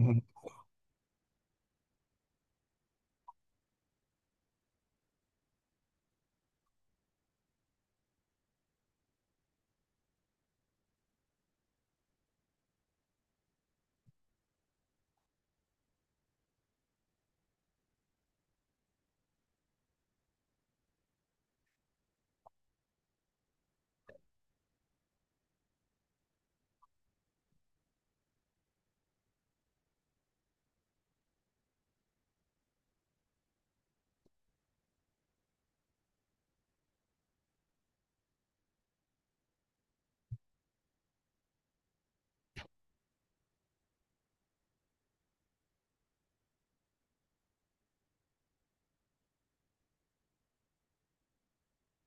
Hı.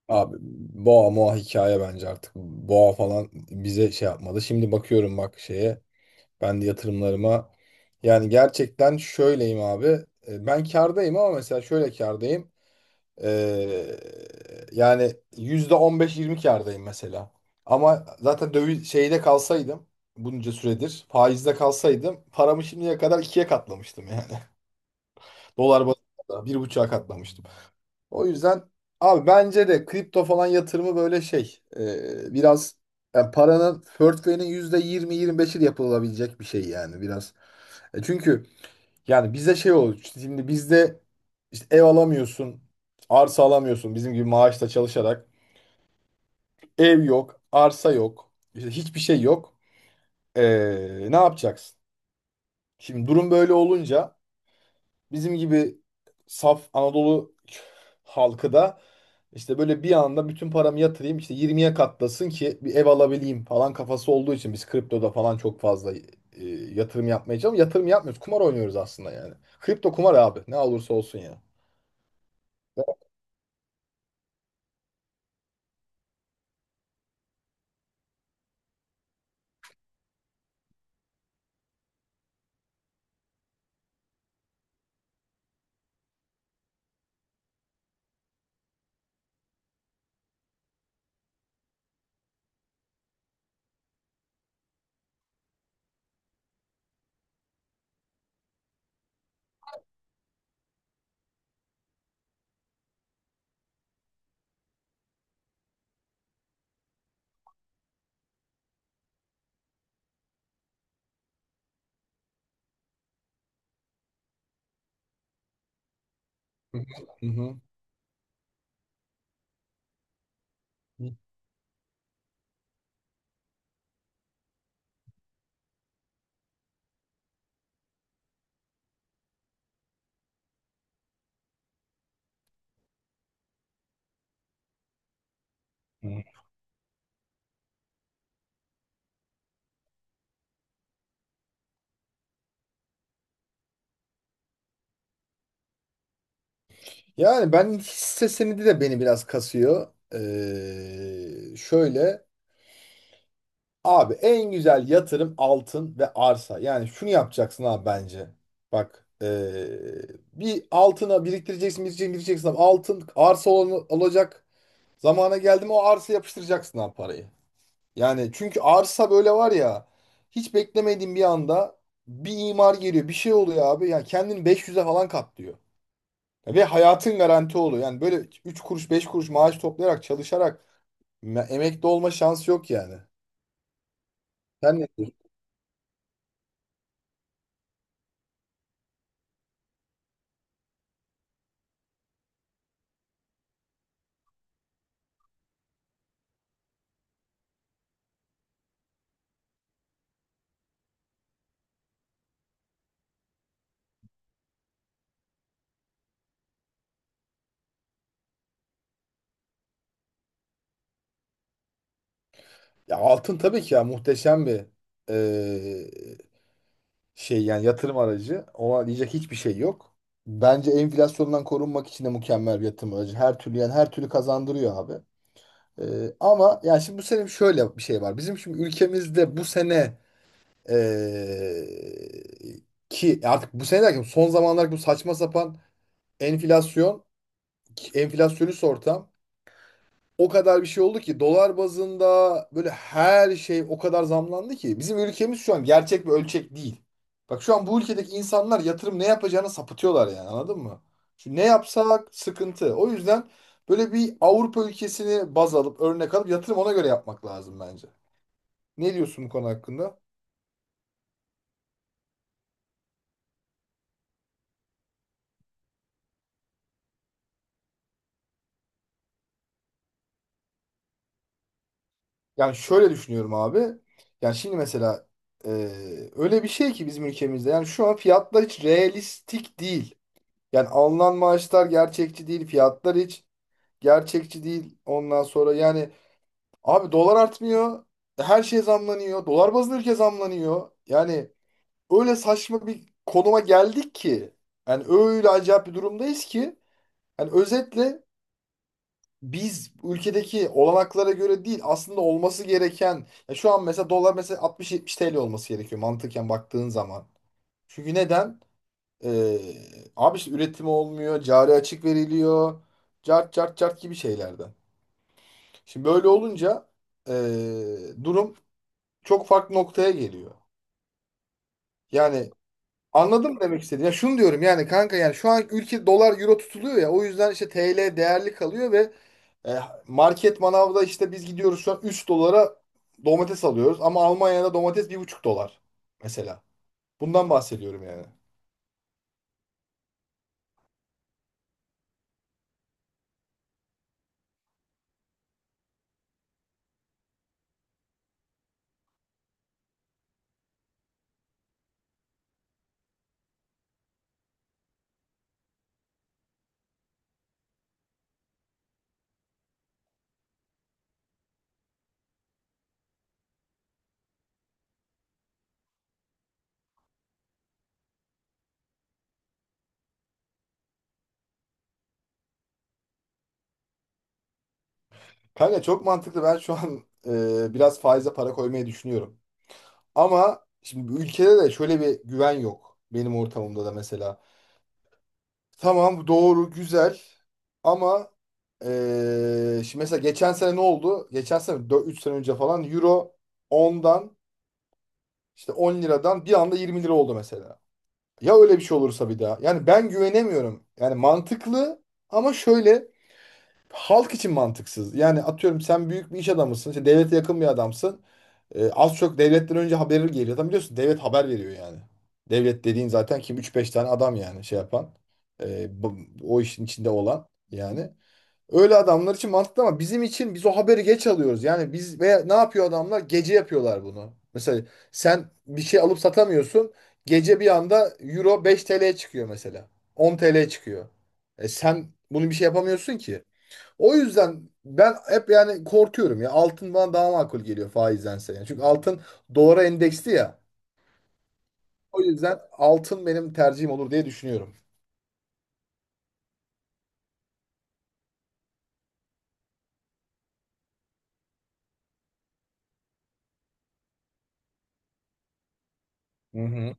Abi, boğa moğa hikaye bence artık. Boğa falan bize şey yapmadı. Şimdi bakıyorum bak şeye. Ben de yatırımlarıma. Yani gerçekten şöyleyim abi. Ben kârdayım ama mesela şöyle kârdayım. Ee, yani yüzde on beş yirmi kârdayım mesela. Ama zaten döviz şeyde kalsaydım bunca süredir faizde kalsaydım paramı şimdiye kadar ikiye katlamıştım yani. Dolar bazında bir buçuğa katlamıştım. O yüzden abi bence de kripto falan yatırımı böyle şey biraz, yani paranın portföyünün yüzde yirmi 25'i de yapılabilecek bir şey yani, biraz. Çünkü yani bize şey olur işte, şimdi bizde işte ev alamıyorsun, arsa alamıyorsun bizim gibi maaşla çalışarak. Ev yok, arsa yok, işte hiçbir şey yok. E, Ne yapacaksın? Şimdi durum böyle olunca bizim gibi saf Anadolu halkı da işte böyle bir anda bütün paramı yatırayım işte 20'ye katlasın ki bir ev alabileyim falan kafası olduğu için biz kriptoda falan çok fazla yatırım yapmaya çalışıyoruz. Yatırım yapmıyoruz. Kumar oynuyoruz aslında yani. Kripto kumar abi. Ne olursa olsun ya. Hı hı. Hı. Hı. Yani ben hisse senedi de beni biraz kasıyor. Şöyle. Abi, en güzel yatırım altın ve arsa. Yani şunu yapacaksın abi bence. Bak bir altına biriktireceksin, biriktireceksin, biriktireceksin, abi. Altın arsa olacak. Zamana geldi mi o arsa yapıştıracaksın abi parayı. Yani çünkü arsa böyle var ya, hiç beklemediğin bir anda bir imar geliyor, bir şey oluyor abi. Yani kendini 500'e falan katlıyor. Ve hayatın garanti oluyor. Yani böyle 3 kuruş 5 kuruş maaş toplayarak çalışarak emekli olma şansı yok yani. Sen ne. Ya altın tabii ki, ya muhteşem bir eee, şey yani, yatırım aracı. Ona diyecek hiçbir şey yok. Bence enflasyondan korunmak için de mükemmel bir yatırım aracı. Her türlü yani, her türlü kazandırıyor abi. Ama ya, şimdi bu sene şöyle bir şey var. Bizim şimdi ülkemizde bu sene eee, ki artık bu sene derken son zamanlar, bu saçma sapan enflasyon, enflasyonist ortam o kadar bir şey oldu ki dolar bazında böyle her şey o kadar zamlandı ki bizim ülkemiz şu an gerçek bir ölçek değil. Bak şu an bu ülkedeki insanlar yatırım ne yapacağını sapıtıyorlar yani, anladın mı? Şu, ne yapsak sıkıntı. O yüzden böyle bir Avrupa ülkesini baz alıp örnek alıp yatırım ona göre yapmak lazım bence. Ne diyorsun bu konu hakkında? Yani şöyle düşünüyorum abi. Yani şimdi mesela, e, öyle bir şey ki bizim ülkemizde, yani şu an fiyatlar hiç realistik değil. Yani alınan maaşlar gerçekçi değil. Fiyatlar hiç gerçekçi değil. Ondan sonra yani abi, dolar artmıyor. Her şey zamlanıyor. Dolar bazlı ülke zamlanıyor. Yani öyle saçma bir konuma geldik ki. Yani öyle acayip bir durumdayız ki. Yani özetle biz ülkedeki olanaklara göre değil, aslında olması gereken. Ya, şu an mesela dolar mesela 60-70 TL olması gerekiyor mantıken baktığın zaman. Çünkü neden? Ee, abi işte üretimi olmuyor, cari açık veriliyor, cart cart cart gibi şeylerden. Şimdi böyle olunca durum çok farklı noktaya geliyor. Yani anladım demek istediğim. Ya şunu diyorum yani kanka, yani şu an ülke dolar euro tutuluyor ya, o yüzden işte TL değerli kalıyor ve e, market manavda işte biz gidiyoruz şu an 3 dolara domates alıyoruz ama Almanya'da domates 1,5 dolar mesela. Bundan bahsediyorum yani. Kanka çok mantıklı. Ben şu an biraz faize para koymayı düşünüyorum. Ama şimdi bu ülkede de şöyle bir güven yok. Benim ortamımda da mesela. Tamam, doğru, güzel, ama şimdi mesela geçen sene ne oldu? Geçen sene 4-3 sene önce falan euro ondan işte 10 liradan bir anda 20 lira oldu mesela. Ya öyle bir şey olursa bir daha. Yani ben güvenemiyorum. Yani mantıklı ama şöyle, halk için mantıksız. Yani atıyorum, sen büyük bir iş adamısın. İşte devlete yakın bir adamsın. Az çok devletten önce haberi geliyor. Zaten biliyorsun devlet haber veriyor yani. Devlet dediğin zaten kim, üç beş tane adam yani şey yapan. Ee, bu- O işin içinde olan yani. Öyle adamlar için mantıklı ama bizim için, biz o haberi geç alıyoruz. Yani biz, veya ne yapıyor adamlar? Gece yapıyorlar bunu. Mesela sen bir şey alıp satamıyorsun. Gece bir anda euro 5 TL'ye çıkıyor mesela. 10 TL'ye çıkıyor. Sen bunu bir şey yapamıyorsun ki. O yüzden ben hep yani korkuyorum ya. Altın bana daha makul geliyor faizdense. Yani. Çünkü altın dolara endeksli ya. O yüzden altın benim tercihim olur diye düşünüyorum. Hı hı.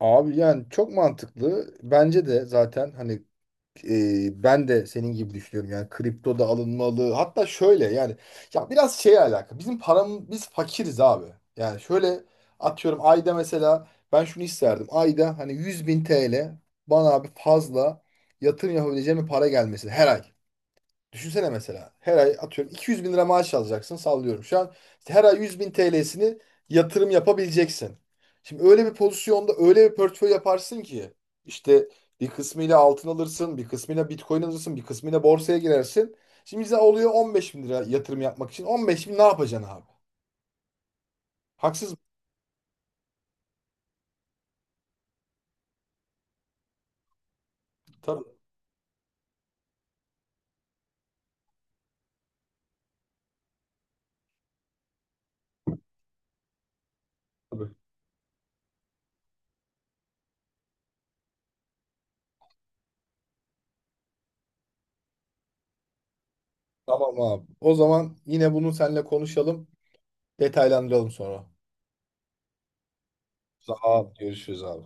Abi yani çok mantıklı. Bence de zaten, hani ben de senin gibi düşünüyorum yani, kripto da alınmalı, hatta şöyle yani, ya biraz şeye alakalı, bizim param, biz fakiriz abi. Yani şöyle, atıyorum ayda mesela, ben şunu isterdim: ayda hani 100 bin TL bana abi, fazla yatırım yapabileceğim bir para gelmesi her ay. Düşünsene mesela, her ay atıyorum 200 bin lira maaş alacaksın, sallıyorum. Şu an işte her ay 100 bin TL'sini yatırım yapabileceksin. Şimdi öyle bir pozisyonda öyle bir portföy yaparsın ki işte bir kısmıyla altın alırsın, bir kısmıyla Bitcoin alırsın, bir kısmıyla borsaya girersin. Şimdi bize oluyor 15 bin lira yatırım yapmak için. 15 bin ne yapacaksın abi? Haksız mı? Tabii. Tabii. Tamam abi. O zaman yine bunu seninle konuşalım. Detaylandıralım sonra. Sağ ol. Görüşürüz abi.